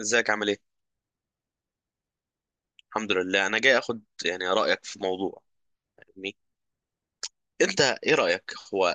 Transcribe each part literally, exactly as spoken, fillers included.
ازيك عامل ايه؟ الحمد لله، انا جاي اخد يعني رايك في موضوع. يعني انت ايه رايك؟ هو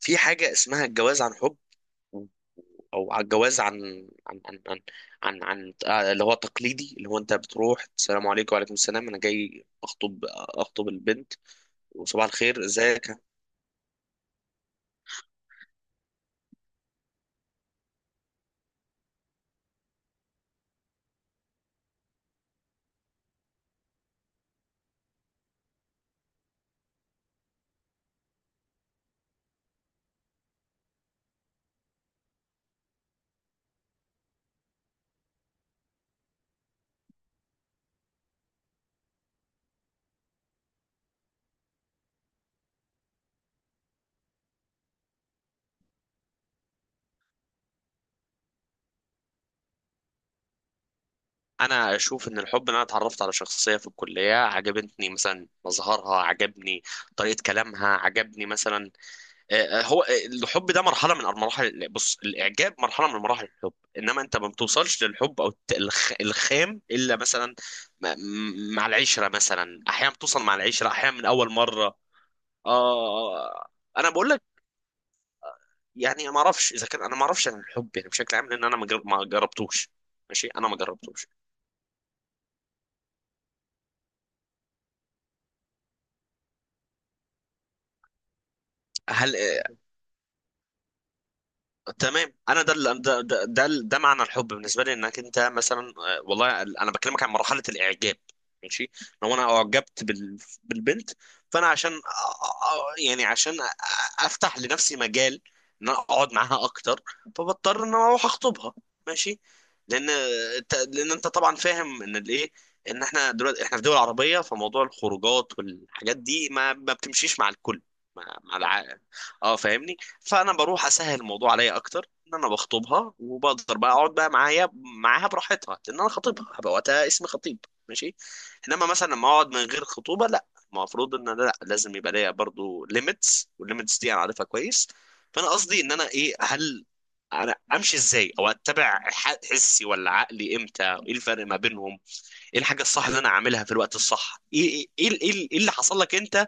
في حاجه اسمها الجواز عن حب، و- او على الجواز عن عن عن عن, عن, عن آه، اللي هو تقليدي، اللي هو انت بتروح السلام عليكم وعليكم السلام، انا جاي اخطب اخطب البنت وصباح الخير ازيك. انا اشوف ان الحب ان انا اتعرفت على شخصيه في الكليه عجبتني، مثلا مظهرها عجبني، طريقه كلامها عجبني مثلا. آه، آه، هو آه، الحب ده مرحله من المراحل. بص، الاعجاب مرحله من مراحل الحب، انما انت ما بتوصلش للحب او الت- الخ- الخام الا مثلا م- م- مع العشره، مثلا احيانا بتوصل مع العشره، احيانا من اول مره. اه، انا بقول لك يعني ما اعرفش اذا كان انا ما اعرفش عن الحب يعني بشكل عام، لان انا ما جر- ما جربتوش، ماشي، انا ما جربتوش. هل؟ تمام، انا ده اللي- ده ده ده, ده معنى الحب بالنسبه لي. انك انت مثلا، آه، والله انا بكلمك عن مرحله الاعجاب، ماشي. لو انا اعجبت بال بالبنت، فانا عشان أ- أ- يعني عشان أ- أ- افتح لنفسي مجال ان انا اقعد معاها اكتر، فبضطر ان انا اروح اخطبها، ماشي. لان أنت- لان انت طبعا فاهم ان الايه، ان احنا دلوقتي احنا في دول عربيه، فموضوع الخروجات والحاجات دي ما ما بتمشيش مع الكل، مع مع الع... اه فاهمني. فانا بروح اسهل الموضوع عليا اكتر، ان انا بخطبها وبقدر بقى اقعد بقى معايا، معاها براحتها، لان انا خطيبها هبقى، وقتها اسمي خطيب، ماشي. انما مثلا لما اقعد من غير خطوبه لا، المفروض ان انا لا لازم يبقى ليا برضو ليميتس، والليميتس دي انا عارفها كويس. فانا قصدي ان انا ايه، هل انا امشي ازاي؟ او اتبع ح- حسي ولا عقلي؟ امتى؟ ايه الفرق ما بينهم؟ ايه الحاجه الصح اللي انا اعملها في الوقت الصح؟ ايه ايه ايه, إيه إيه اللي حصل لك انت؟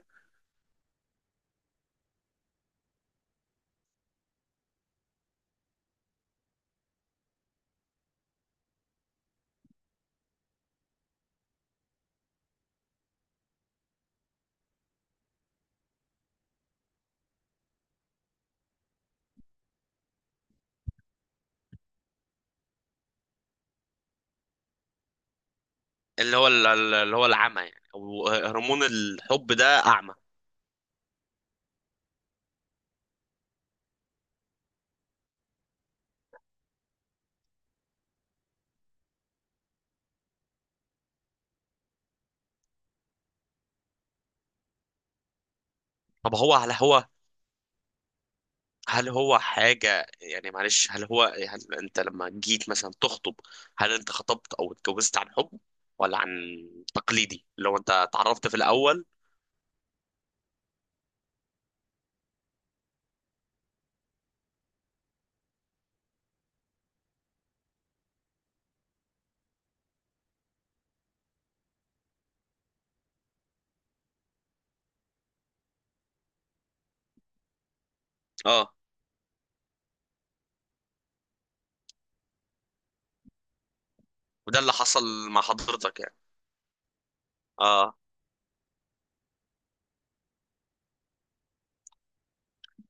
اللي هو ال- ال- اللي هو العمى، يعني او هرمون الحب ده اعمى. طب هو هل هو هل هو حاجة يعني معلش هل هو، هل انت لما جيت مثلا تخطب، هل انت خطبت او اتجوزت عن حب، ولا عن تقليدي اللي هو انت اتعرفت في الاول؟ اه. وده اللي حصل مع حضرتك يعني؟ اه.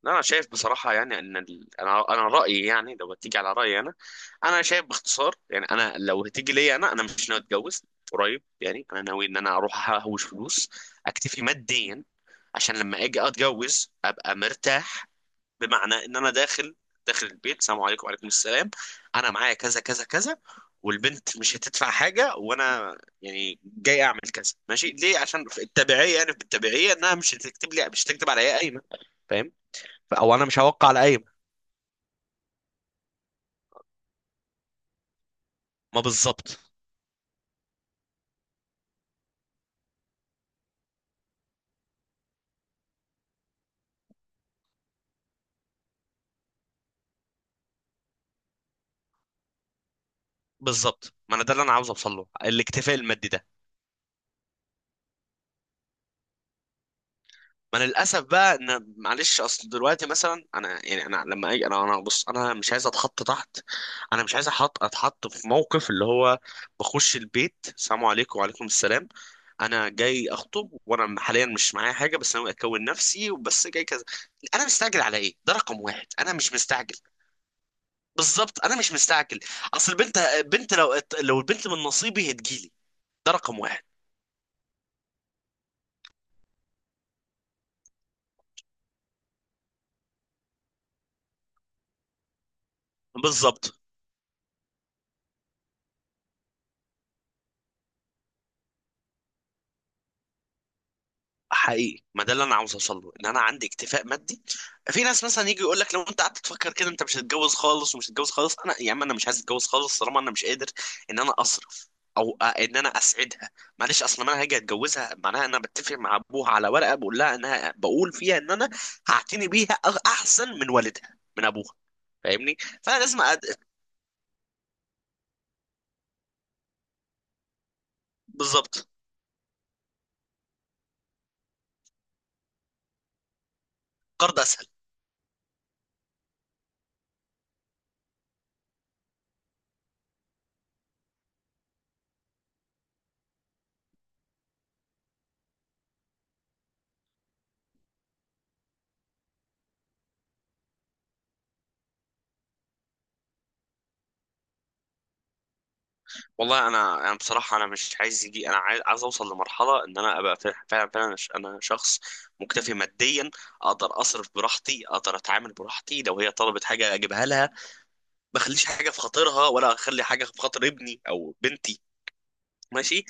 لا، انا شايف بصراحه يعني ان ال... انا انا رايي يعني، لو هتيجي على رايي انا، انا شايف باختصار يعني، انا لو هتيجي ليا انا، انا مش ناوي اتجوز قريب. يعني انا ناوي ان انا اروح اهوش فلوس، اكتفي ماديا، عشان لما اجي اتجوز ابقى مرتاح. بمعنى ان انا داخل داخل البيت، السلام عليكم وعليكم السلام، انا معايا كذا كذا كذا، والبنت مش هتدفع حاجه، وانا يعني جاي اعمل كذا ماشي، ليه؟ عشان في التبعيه، يعني في التبعيه انها مش هتكتب لي، مش هتكتب عليا قايمه، فاهم؟ او انا مش هوقع على اي. ما بالظبط. بالظبط، ما انا ده اللي انا عاوز اوصل له، الاكتفاء المادي ده. ما انا للاسف بقى ان معلش، اصل دلوقتي مثلا انا يعني انا لما اجي انا، انا بص، انا مش عايز اتحط تحت، انا مش عايز احط اتحط في موقف اللي هو بخش البيت، السلام عليكم وعليكم السلام، انا جاي اخطب وانا حاليا مش معايا حاجه، بس انا اكون نفسي وبس جاي كذا، انا مستعجل على ايه؟ ده رقم واحد، انا مش مستعجل. بالظبط، انا مش مستعجل. اصل البنت، بنت، لو لو البنت من نصيبي هتجيلي، ده رقم واحد. بالظبط. حقيقي، ما ده اللي انا عاوز اوصل له، ان انا عندي اكتفاء مادي. في ناس مثلا يجي يقول لك لو انت قعدت تفكر كده انت مش هتتجوز خالص، ومش هتتجوز خالص. انا يا عم انا مش عايز اتجوز خالص طالما انا مش قادر ان انا اصرف، او أ- ان انا اسعدها. معلش، اصلا ما انا هاجي اتجوزها معناها انا بتفق مع ابوها على ورقه بقول لها، انها بقول فيها ان انا هعتني بيها أغ- احسن من والدها، من ابوها، فاهمني؟ فانا لازم أد... بالظبط. قرض. والله انا، انا بصراحه انا مش عايز يجي، انا عايز عايز اوصل لمرحله ان انا ابقى فع- فعلا فعلا ش- انا شخص مكتفي ماديا، اقدر اصرف براحتي، اقدر اتعامل براحتي، لو هي طلبت حاجه اجيبها لها، ما اخليش حاجه في خاطرها، ولا اخلي حاجه في خاطر ابني او بنتي. ماشي.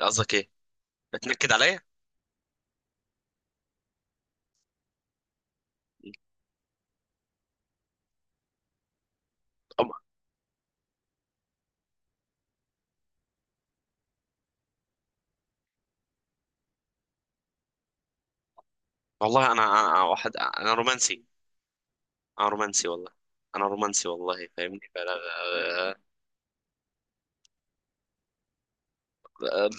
قصدك ايه؟ بتنكد عليا. أم- والله انا، انا واحد انا رومانسي. انا رومانسي والله. انا رومانسي والله، فاهمني؟ فلا،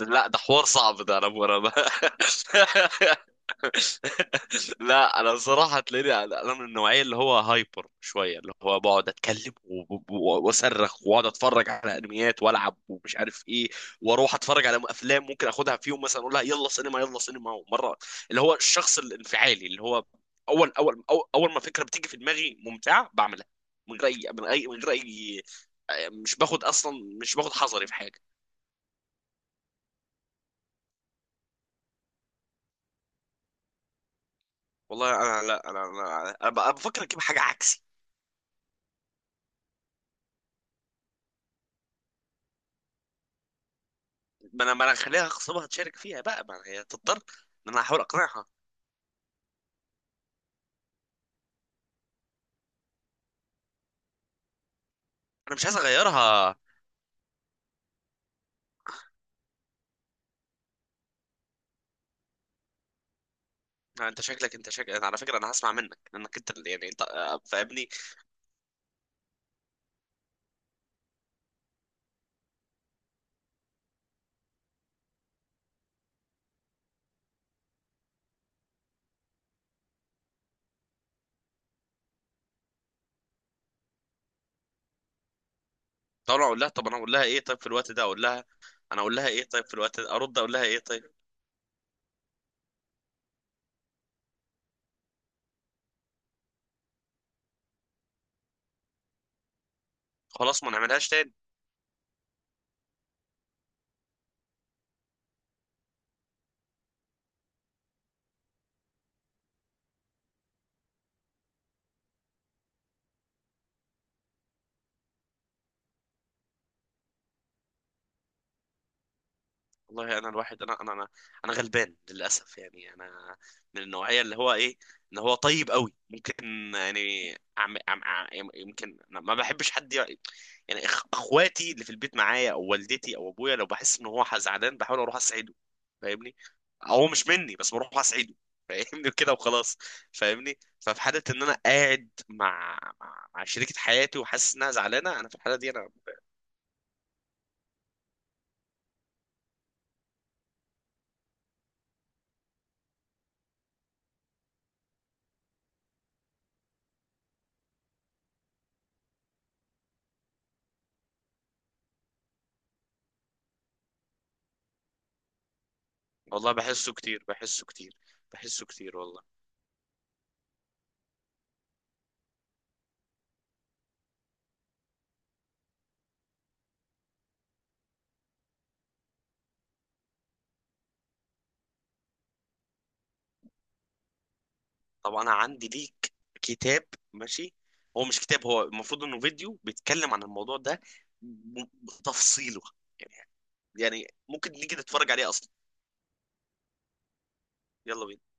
لا ده حوار صعب ده، انا أنا- لا، انا الصراحه تلاقيني انا من النوعيه اللي هو هايبر شويه، اللي هو بقعد اتكلم و- و- واصرخ، واقعد اتفرج على انميات والعب ومش عارف ايه، واروح اتفرج على افلام، ممكن اخدها في يوم مثلا اقول لها يلا سينما يلا سينما. ومره، اللي هو الشخص الانفعالي اللي هو، اول اول أو- اول ما فكره بتيجي في دماغي ممتعه بعملها، من غير اي، من اي، من غير اي، آه، مش باخد اصلا، مش باخد حذري في حاجه. والله انا، لا انا انا, أنا بفكر اجيب حاجه عكسي. ما انا، ما انا هخليها اغصبها تشارك فيها بقى، ما هي تضطر، ان انا احاول اقنعها. انا مش عايز اغيرها. أنا- انت شكلك انت شكلك، أنا على فكره انا هسمع منك، لانك انت اللي- يعني انت، آه، فاهمني. طب انا اقول لها، طب انا اقول لها ايه طيب في الوقت ده، اقول لها، انا اقول لها ايه طيب في الوقت ده، ارد اقول لها ايه طيب؟ خلاص ما نعملهاش تاني. والله انا الواحد، انا انا انا انا غلبان للاسف، يعني انا من النوعيه اللي هو ايه، ان هو طيب قوي ممكن، يعني عم عم عم يمكن أنا ما بحبش حد يع- يعني إخ- اخواتي اللي في البيت معايا، او والدتي او ابويا، لو بحس ان هو ح- زعلان، بحاول اروح اسعده، فاهمني؟ هو مش مني، بس بروح اسعده، فاهمني كده وخلاص، فاهمني؟ ففي حاله ان انا قاعد مع مع مع شريكه حياتي وحاسس انها زعلانه، انا في الحاله دي انا. والله بحسه كتير، بحسه كتير، بحسه كتير والله. طب انا عندي ليك كتاب، ماشي؟ هو مش كتاب، هو المفروض انه فيديو بيتكلم عن الموضوع ده ب- بتفصيله، يعني. يعني ممكن نيجي نتفرج عليه اصلا. يلا بينا.